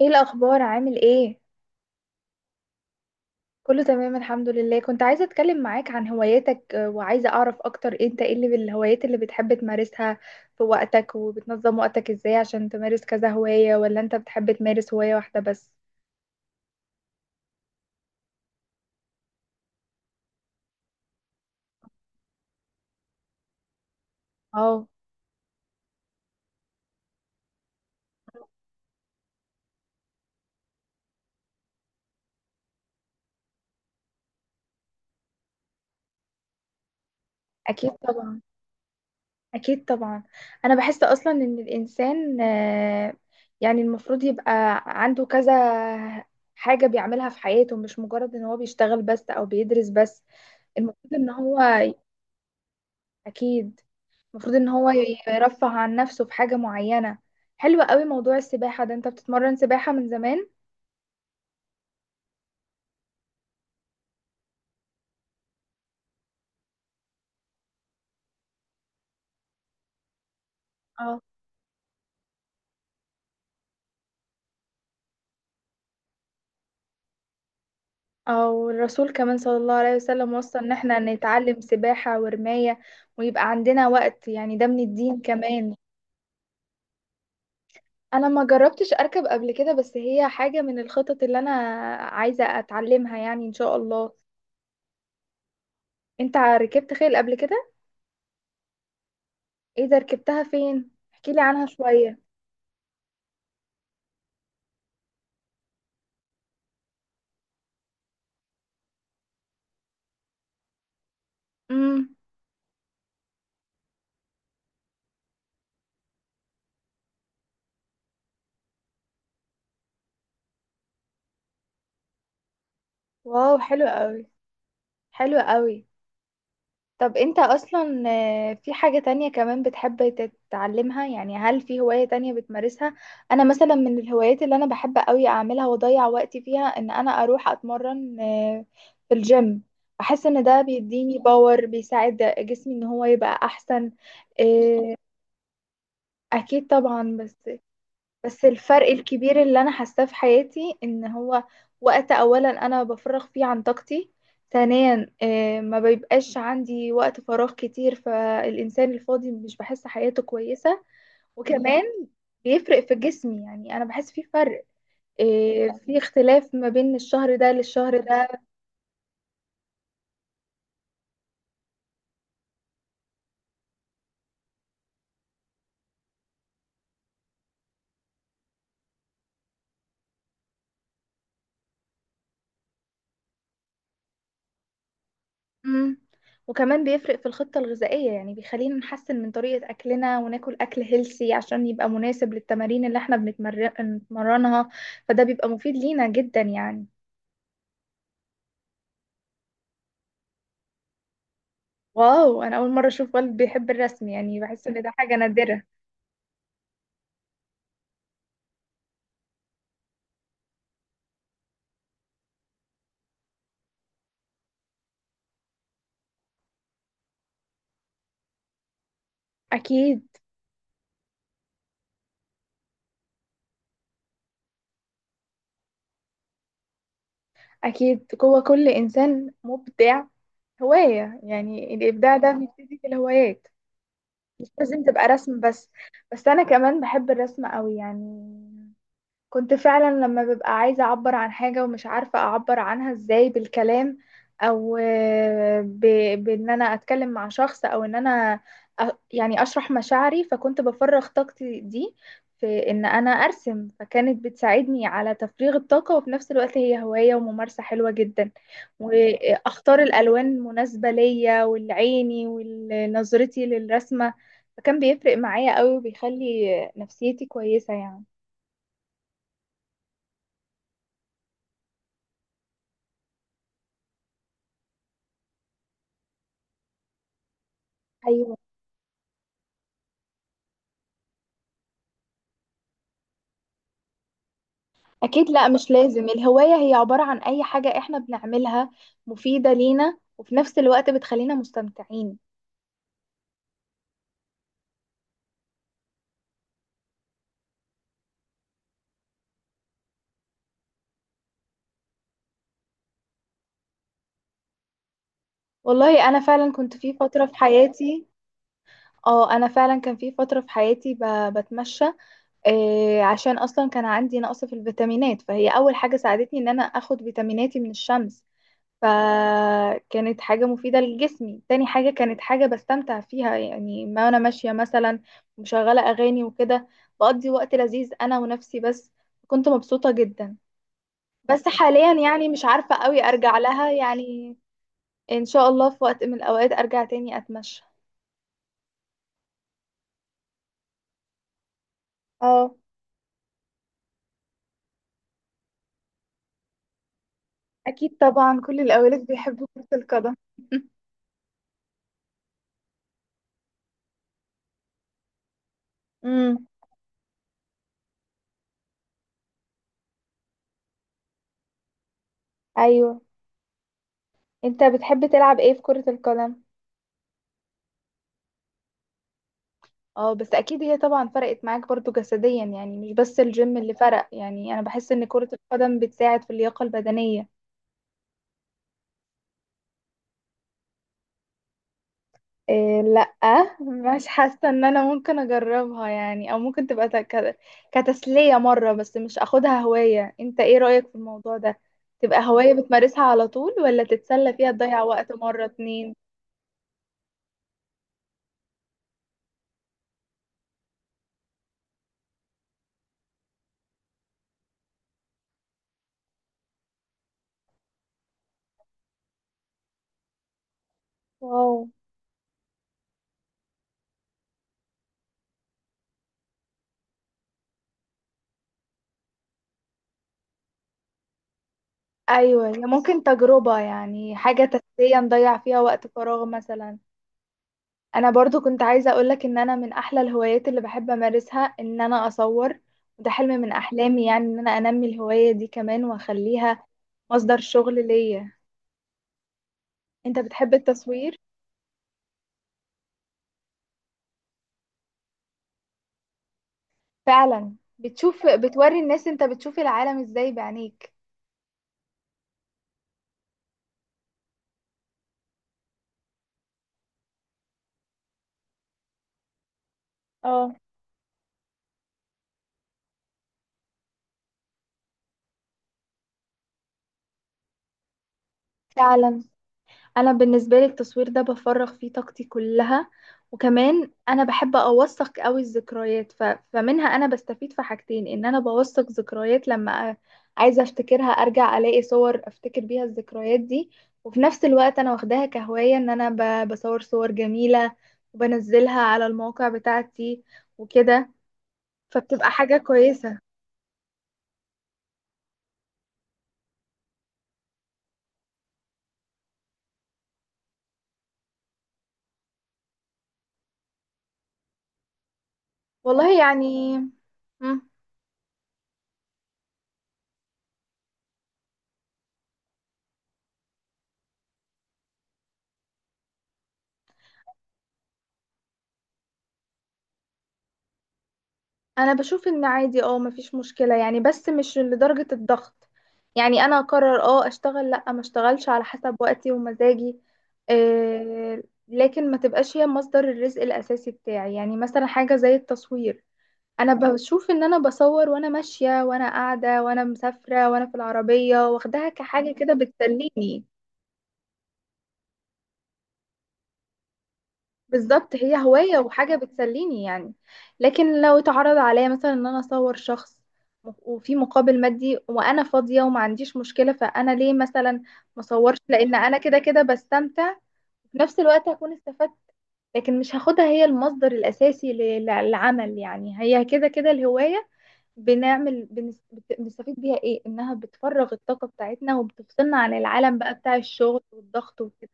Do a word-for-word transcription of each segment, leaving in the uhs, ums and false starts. ايه الاخبار؟ عامل ايه؟ كله تمام الحمد لله. كنت عايزه اتكلم معاك عن هواياتك آه، وعايزه اعرف اكتر انت ايه اللي الهوايات اللي بتحب تمارسها في وقتك، وبتنظم وقتك ازاي عشان تمارس كذا هوايه، ولا انت بتحب تمارس هوايه واحده بس؟ اه. اكيد طبعا. اكيد طبعا. انا بحس اصلا ان الانسان آه، يعني المفروض يبقى عنده كذا حاجه بيعملها في حياته، مش مجرد ان هو بيشتغل بس او بيدرس بس. المفروض ان هو اكيد. المفروض ان هو يرفه عن نفسه في حاجة معينة. حلو قوي موضوع السباحة ده. انت بتتمرن سباحة من زمان؟ اه. او الرسول كمان صلى الله عليه وسلم وصى ان احنا نتعلم سباحة ورماية، ويبقى عندنا وقت، يعني ده من الدين كمان. انا ما جربتش اركب قبل كده، بس هي حاجة من الخطط اللي انا عايزة اتعلمها يعني ان شاء الله. انت ركبت خيل قبل كده؟ ايه ده؟ ركبتها فين؟ احكيلي عنها شوية. امم. واو، حلو قوي. حلو قوي. طب انت اصلا آه، في حاجة تانية كمان بتحب تتعلمها؟ يعني هل في هواية تانية بتمارسها؟ انا مثلا من الهوايات اللي انا بحب قوي اعملها واضيع وقتي فيها ان انا اروح اتمرن آه، في الجيم. بحس ان ده بيديني باور، بيساعد جسمي ان هو يبقى احسن. آه، اكيد طبعا. بس بس الفرق الكبير اللي انا حاساه في حياتي ان هو وقت اولا انا بفرغ فيه عن طاقتي. ثانيا آه، ما بيبقاش عندي وقت فراغ كتير، فالانسان الفاضي مش بحس حياته كويسة. وكمان بيفرق في جسمي، يعني انا بحس في فرق آه، في اختلاف ما بين الشهر ده للشهر ده. مم. وكمان بيفرق في الخطة الغذائية، يعني بيخلينا نحسن من طريقة أكلنا وناكل أكل هيلسي عشان يبقى مناسب للتمارين اللي احنا بنتمر- بنتمرنها، فده بيبقى مفيد لينا جدا يعني. واو، أنا أول مرة أشوف والد بيحب الرسم، يعني بحس إن ده حاجة نادرة. أكيد. أكيد جوه كل إنسان مبدع هواية، يعني الإبداع ده بيبتدي في الهوايات. مش لازم تبقى رسم بس. بس أنا كمان بحب الرسم قوي يعني. كنت فعلا لما ببقى عايزة أعبر عن حاجة ومش عارفة أعبر عنها إزاي بالكلام، أو آه، ب... بإن أنا أتكلم مع شخص، أو إن أنا أ... يعني أشرح مشاعري، فكنت بفرغ طاقتي دي في إن أنا أرسم، فكانت بتساعدني على تفريغ الطاقة، وفي نفس الوقت هي هواية وممارسة حلوة جدا. وأختار الألوان المناسبة ليا، والعيني ونظرتي للرسمة، فكان بيفرق معايا قوي وبيخلي نفسيتي كويسة يعني. أيوة. أكيد، لا مش لازم الهواية هي عبارة عن أي حاجة إحنا بنعملها مفيدة لينا وفي نفس الوقت بتخلينا مستمتعين. والله أنا فعلا كنت في فترة في حياتي. اه، أنا فعلا كان في فترة في حياتي ب- بتمشى، آه عشان أصلا كان عندي نقص في الفيتامينات، فهي أول حاجة ساعدتني إن أنا أخد فيتاميناتي من الشمس. فكانت حاجة مفيدة لجسمي، تاني حاجة كانت حاجة بستمتع فيها، يعني ما أنا ماشية مثلا مشغلة أغاني وكده، بقضي وقت لذيذ أنا ونفسي بس، كنت مبسوطة جدا. بس حاليا يعني مش عارفة قوي أرجع لها يعني، إن شاء الله في وقت من الأوقات أرجع تاني أتمشى. اه، اكيد طبعا، كل الاولاد بيحبوا كرة القدم امم. أيوه، أنت بتحب تلعب إيه في كرة القدم؟ اه، بس اكيد هي طبعا فرقت معاك برضو جسديا، يعني مش بس الجيم اللي فرق، يعني انا بحس ان كرة القدم بتساعد في اللياقة البدنية. إيه، لا، مش حاسة ان انا ممكن اجربها يعني، او ممكن تبقى ت- ك- كتسلية مرة، بس مش اخدها هواية. انت ايه رأيك في الموضوع ده؟ تبقى هواية بتمارسها على طول، ولا تتسلى فيها تضيع وقت مرة اتنين؟ واو. ايوه، هي ممكن تجربة، يعني حاجة تسلية نضيع فيها وقت فراغ مثلا. انا برضو كنت عايزة اقولك ان انا من احلى الهوايات اللي بحب امارسها ان انا اصور، وده حلم من احلامي يعني، ان انا انمي الهواية دي كمان واخليها مصدر شغل ليا. انت بتحب التصوير؟ فعلا بتشوف، بتوري الناس انت بتشوف العالم ازاي بعينيك. اه، فعلا. انا بالنسبه لي التصوير ده بفرغ فيه طاقتي كلها، وكمان انا بحب اوثق قوي الذكريات ف... فمنها انا بستفيد في حاجتين، ان انا بوثق ذكريات لما أ- عايزه افتكرها، ارجع الاقي صور افتكر بيها الذكريات دي. وفي نفس الوقت انا واخداها كهوايه ان انا ب... بصور صور جميله وبنزلها على المواقع بتاعتي وكده، فبتبقى حاجه كويسه. والله يعني. مم. انا بشوف ان عادي، اه مفيش مشكلة يعني، بس مش لدرجة الضغط. يعني انا اقرر اه اشتغل لا ما اشتغلش على حسب وقتي ومزاجي. آه لكن ما تبقاش هي مصدر الرزق الاساسي بتاعي، يعني مثلا حاجة زي التصوير، انا بشوف ان انا بصور وانا ماشية وانا قاعدة وانا مسافرة وانا في العربية، واخداها كحاجة كده بتسليني. بالظبط، هي هواية وحاجة بتسليني يعني. لكن لو اتعرض عليا مثلا ان انا اصور شخص م- وفي مقابل مادي، وانا فاضية وما عنديش مشكلة، فانا ليه مثلا ما اصورش لان انا كده كده بستمتع؟ في نفس الوقت هكون استفدت. لكن مش هاخدها هي المصدر الاساسي ل- للعمل، يعني هي كده كده الهواية بنعمل بنس- بت- بنستفيد بيها ايه؟ انها بتفرغ الطاقة بتاعتنا وبتفصلنا عن العالم بقى بتاع الشغل والضغط وكده.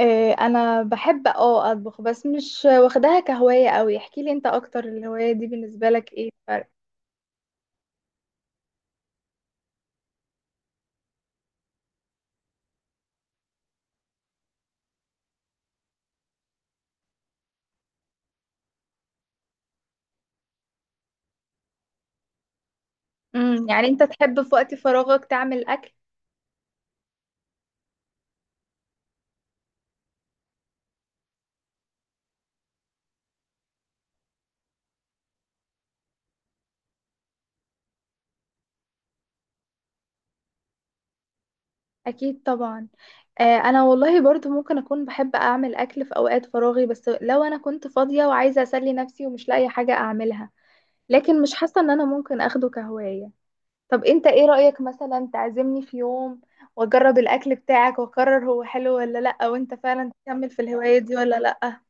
إيه، انا بحب اه اطبخ، بس مش واخداها كهواية قوي. احكي لي انت اكتر الهواية دي بالنسبة لك ايه الفرق؟ امم. يعني انت تحب في وقت فراغك تعمل اكل. اكيد طبعا. آه، انا والله برضو ممكن اكون بحب اعمل اكل في اوقات فراغي، بس لو انا كنت فاضية وعايزة اسلي نفسي ومش لاقي حاجة اعملها. لكن مش حاسة ان انا ممكن اخده كهواية. طب انت ايه رأيك مثلا تعزمني في يوم، واجرب الاكل بتاعك واقرر هو حلو ولا لا، وانت فعلا تكمل في الهواية دي ولا لا؟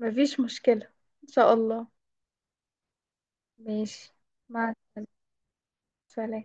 مفيش مشكلة، إن شاء الله. ماشي. مع السلامة.